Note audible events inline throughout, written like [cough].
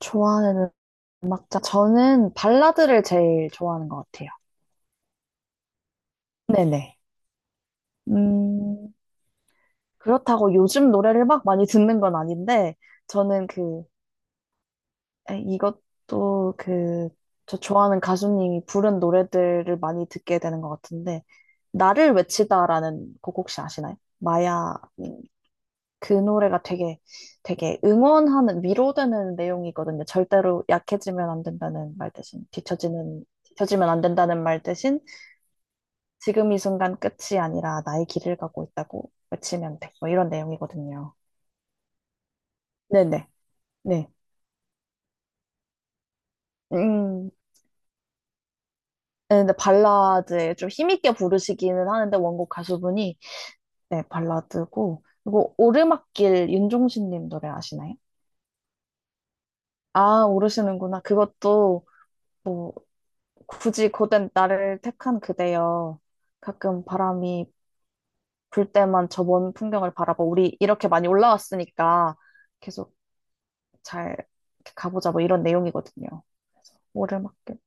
좋아하는 음악 장 저는 발라드를 제일 좋아하는 것 같아요. 네네. 음, 그렇다고 요즘 노래를 막 많이 듣는 건 아닌데, 저는 이것도 저 좋아하는 가수님이 부른 노래들을 많이 듣게 되는 것 같은데, 나를 외치다라는 곡 혹시 아시나요? 마야. 음, 그 노래가 되게 응원하는, 위로되는 내용이거든요. 절대로 약해지면 안 된다는 말 대신, 뒤처지면 안 된다는 말 대신, 지금 이 순간 끝이 아니라 나의 길을 가고 있다고 외치면 돼. 뭐 이런 내용이거든요. 네네. 네. 음. 네, 근데 발라드에 좀 힘있게 부르시기는 하는데 원곡 가수분이, 네, 발라드고, 그리고 오르막길 윤종신님 노래 아시나요? 아, 모르시는구나. 그것도 뭐, 굳이 고된 나를 택한 그대여, 가끔 바람이 불 때만 저 먼 풍경을 바라봐, 우리 이렇게 많이 올라왔으니까 계속 잘 이렇게 가보자, 뭐 이런 내용이거든요. 뭐를 맡길,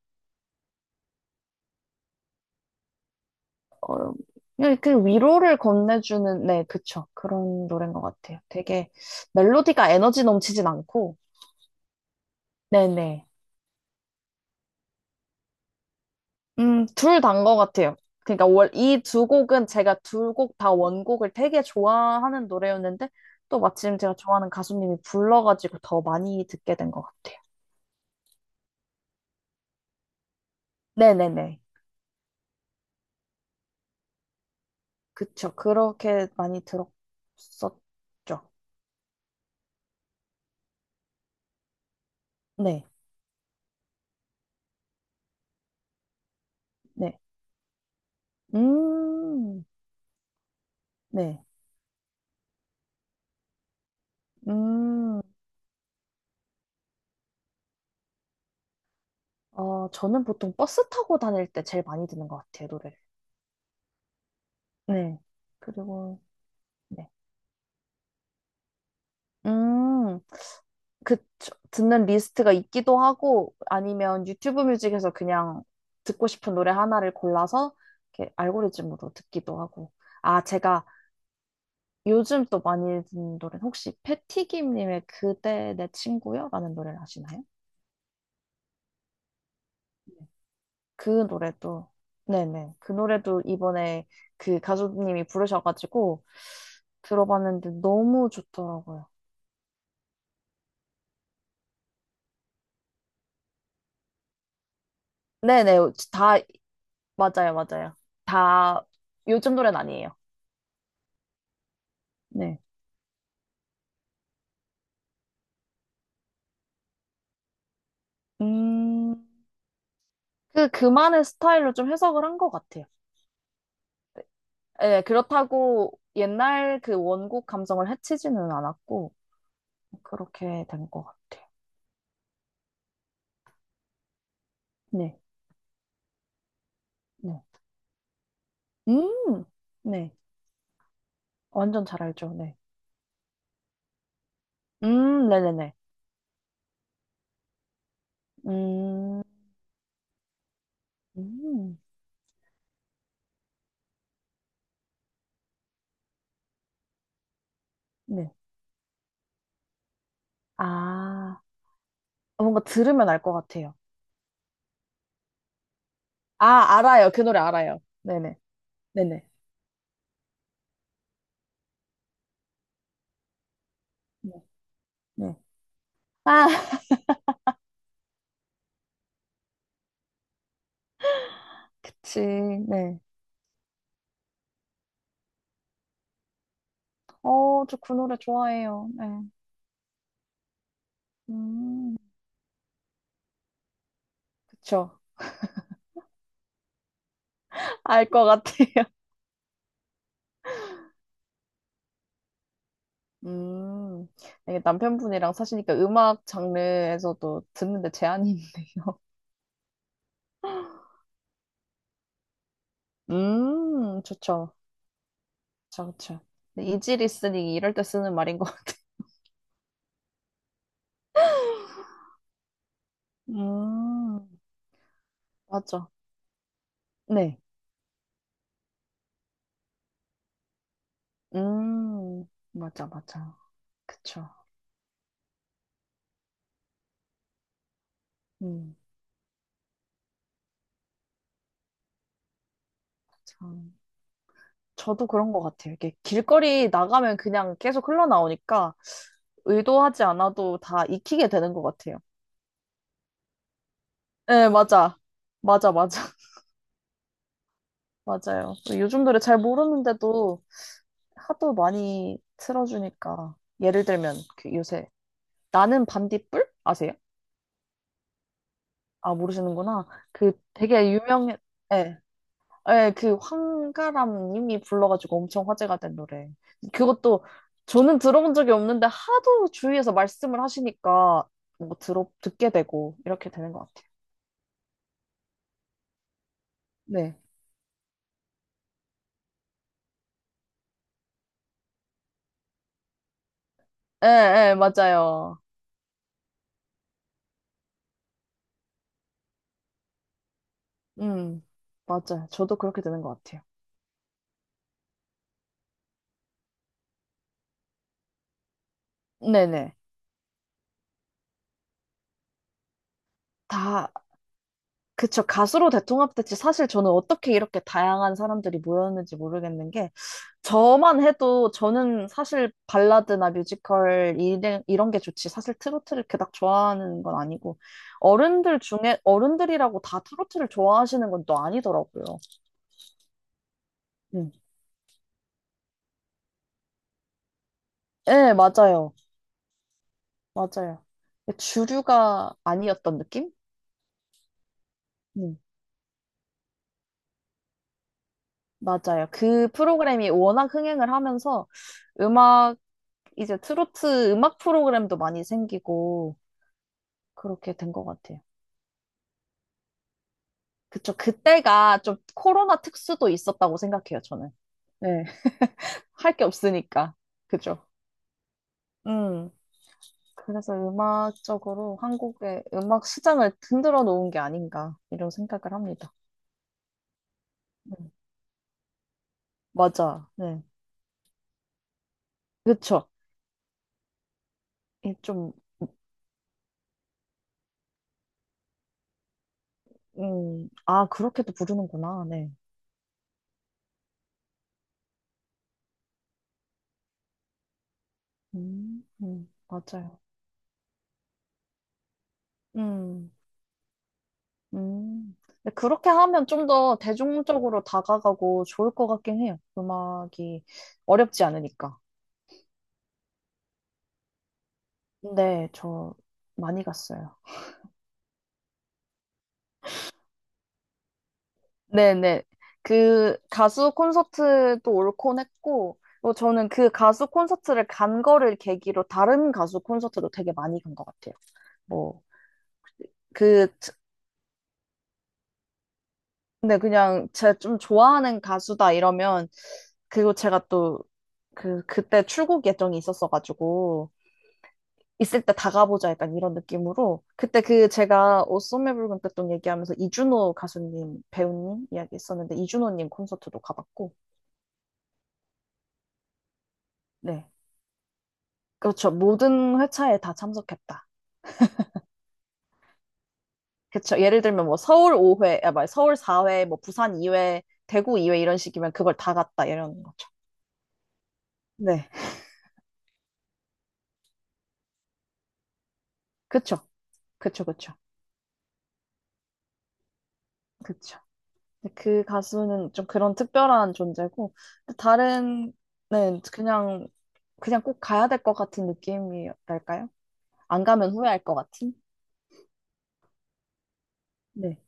어, 그냥 그 위로를 건네주는, 네, 그쵸, 그런 노래인 것 같아요. 되게 멜로디가 에너지 넘치진 않고. 네네. 둘 다인 것 같아요. 그러니까 이 두 곡은 제가 두 곡 다 원곡을 되게 좋아하는 노래였는데, 또 마침 제가 좋아하는 가수님이 불러가지고 더 많이 듣게 된 것 같아요. 네네네. 그쵸. 그렇게 많이 들었었죠. 네, 네. 음, 네. 음. 저는 보통 버스 타고 다닐 때 제일 많이 듣는 것 같아요, 노래를. 네. 그리고. 네. 음, 듣는 리스트가 있기도 하고, 아니면 유튜브 뮤직에서 그냥 듣고 싶은 노래 하나를 골라서 이렇게 알고리즘으로 듣기도 하고. 아, 제가 요즘 또 많이 듣는 노래는, 혹시 패티김님의 그대 내 친구여? 라는 노래를 아시나요? 그 노래도 네네, 그 노래도 이번에 그 가수님이 부르셔가지고 들어봤는데 너무 좋더라고요. 네네. 다 맞아요, 맞아요. 다 요즘 노래는 아니에요. 네. 음, 그만의 스타일로 좀 해석을 한 것 같아요. 네, 그렇다고 옛날 그 원곡 감성을 해치지는 않았고 그렇게 된 것 같아요. 네, 네. 음, 네. 완전 잘 알죠. 네. 네네네. 음. 음, 네. 아, 뭔가 들으면 알 것 같아요. 아, 알아요. 그 노래 알아요. 네네. 네네. 네. 네. 아, [laughs] 그치. 네. 어, 저 그 노래 좋아해요. 네. 음, 그쵸. [laughs] 알 것 같아요. [laughs] 음, 이게 남편분이랑 사시니까 음악 장르에서도 듣는데 제한이 있네요. [laughs] 좋죠. 그쵸, 그쵸. 이지 리스닝이 이럴 때 쓰는 말인 것 같아요. 음, 맞죠. 네. 음, 맞아, 맞아. 그쵸. 음, 참. 저도 그런 것 같아요. 이게 길거리 나가면 그냥 계속 흘러나오니까 의도하지 않아도 다 익히게 되는 것 같아요. 네, 맞아. 맞아, 맞아. [laughs] 맞아요. 요즘 노래 잘 모르는데도 하도 많이 틀어주니까. 예를 들면, 요새, 나는 반딧불? 아세요? 아, 모르시는구나. 그 되게 유명해. 예. 예, 그 황가람 님이 불러가지고 엄청 화제가 된 노래. 그것도 저는 들어본 적이 없는데 하도 주위에서 말씀을 하시니까 뭐 들어 듣게 되고 이렇게 되는 것 같아요. 네. 예, 예, 맞아요. 음, 맞아요. 저도 그렇게 되는 것 같아요. 네네. 다, 그쵸. 가수로 대통합됐지. 사실 저는 어떻게 이렇게 다양한 사람들이 모였는지 모르겠는 게, 저만 해도 저는 사실 발라드나 뮤지컬 이런 게 좋지, 사실 트로트를 그닥 좋아하는 건 아니고. 어른들이라고 다 트로트를 좋아하시는 건 또 아니더라고요. 음. 네, 맞아요. 맞아요. 주류가 아니었던 느낌? 음, 맞아요. 그 프로그램이 워낙 흥행을 하면서, 음악 이제 트로트 음악 프로그램도 많이 생기고 그렇게 된 것 같아요. 그쵸. 그때가 좀 코로나 특수도 있었다고 생각해요, 저는. 네. 할 게 없으니까. 그죠. 음. 그래서 음악적으로 한국의 음악 시장을 흔들어 놓은 게 아닌가, 이런 생각을 합니다. 음. 맞아. 네. 그쵸. 이 좀, 아, 그렇게도 부르는구나. 네. 맞아요. 음, 음. 근데 그렇게 하면 좀 더 대중적으로 다가가고 좋을 것 같긴 해요. 음악이 어렵지 않으니까. 네, 저 많이 갔어요. 네네. 그 가수 콘서트도 올콘 했고, 뭐 저는 그 가수 콘서트를 간 거를 계기로 다른 가수 콘서트도 되게 많이 간 것 같아요. 뭐, 그, 트- 근데 그냥 제가 좀 좋아하는 가수다 이러면, 그리고 제가 또 그때 출국 예정이 있었어가지고, 있을 때 다가보자 약간 이런 느낌으로. 그때 제가 옷소매 붉은 끝돈 얘기하면서 이준호 가수님 배우님 이야기 했었는데 이준호님 콘서트도 가봤고. 네, 그렇죠, 모든 회차에 다 참석했다. 그렇죠, 예를 들면 뭐 서울 5회, 아 말 서울 4회, 뭐 부산 2회, 대구 2회 이런 식이면 그걸 다 갔다, 이런 거죠. 네, 그렇죠, 그렇죠. 그렇죠, 그렇죠, 그 가수는 좀 그런 특별한 존재고. 다른, 네, 그냥 꼭 가야 될 것 같은 느낌이랄까요? 안 가면 후회할 것 같은? 네.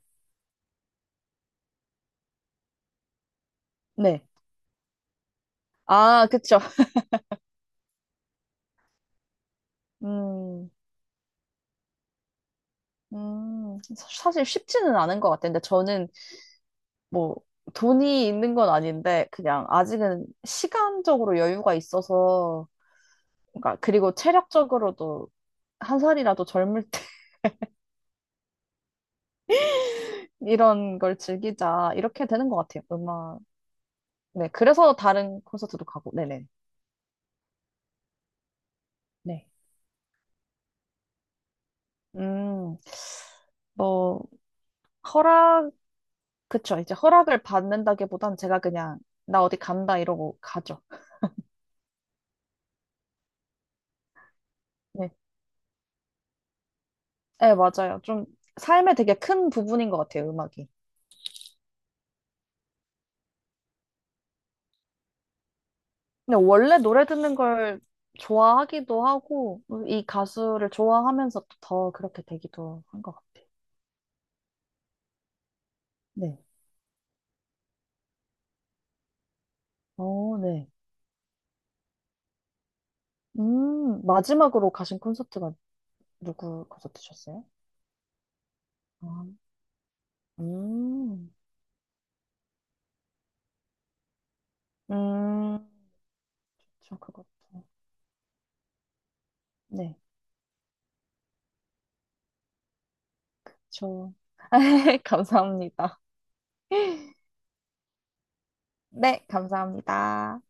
네. 아, 그쵸. [laughs] 음, 사실 쉽지는 않은 것 같아요. 근데 저는 뭐 돈이 있는 건 아닌데 그냥 아직은 시간적으로 여유가 있어서, 그러니까. 그리고 체력적으로도 한 살이라도 젊을 때 [laughs] 이런 걸 즐기자, 이렇게 되는 것 같아요, 음악. 네. 그래서 다른 콘서트도 가고. 네네. 네. 음, 뭐 허락 그쵸. 이제 허락을 받는다기보단 제가 그냥 나 어디 간다 이러고 가죠. 네. 네, 맞아요. 좀 삶의 되게 큰 부분인 것 같아요, 음악이. 근데 원래 노래 듣는 걸 좋아하기도 하고, 이 가수를 좋아하면서 또더 그렇게 되기도 한 것 같아요. 네. 어, 네. 마지막으로 가신 콘서트가 누구 콘서트셨어요? 아, 음, 음, 저 그것도. 네, 저. [laughs] 감사합니다. 네, 감사합니다.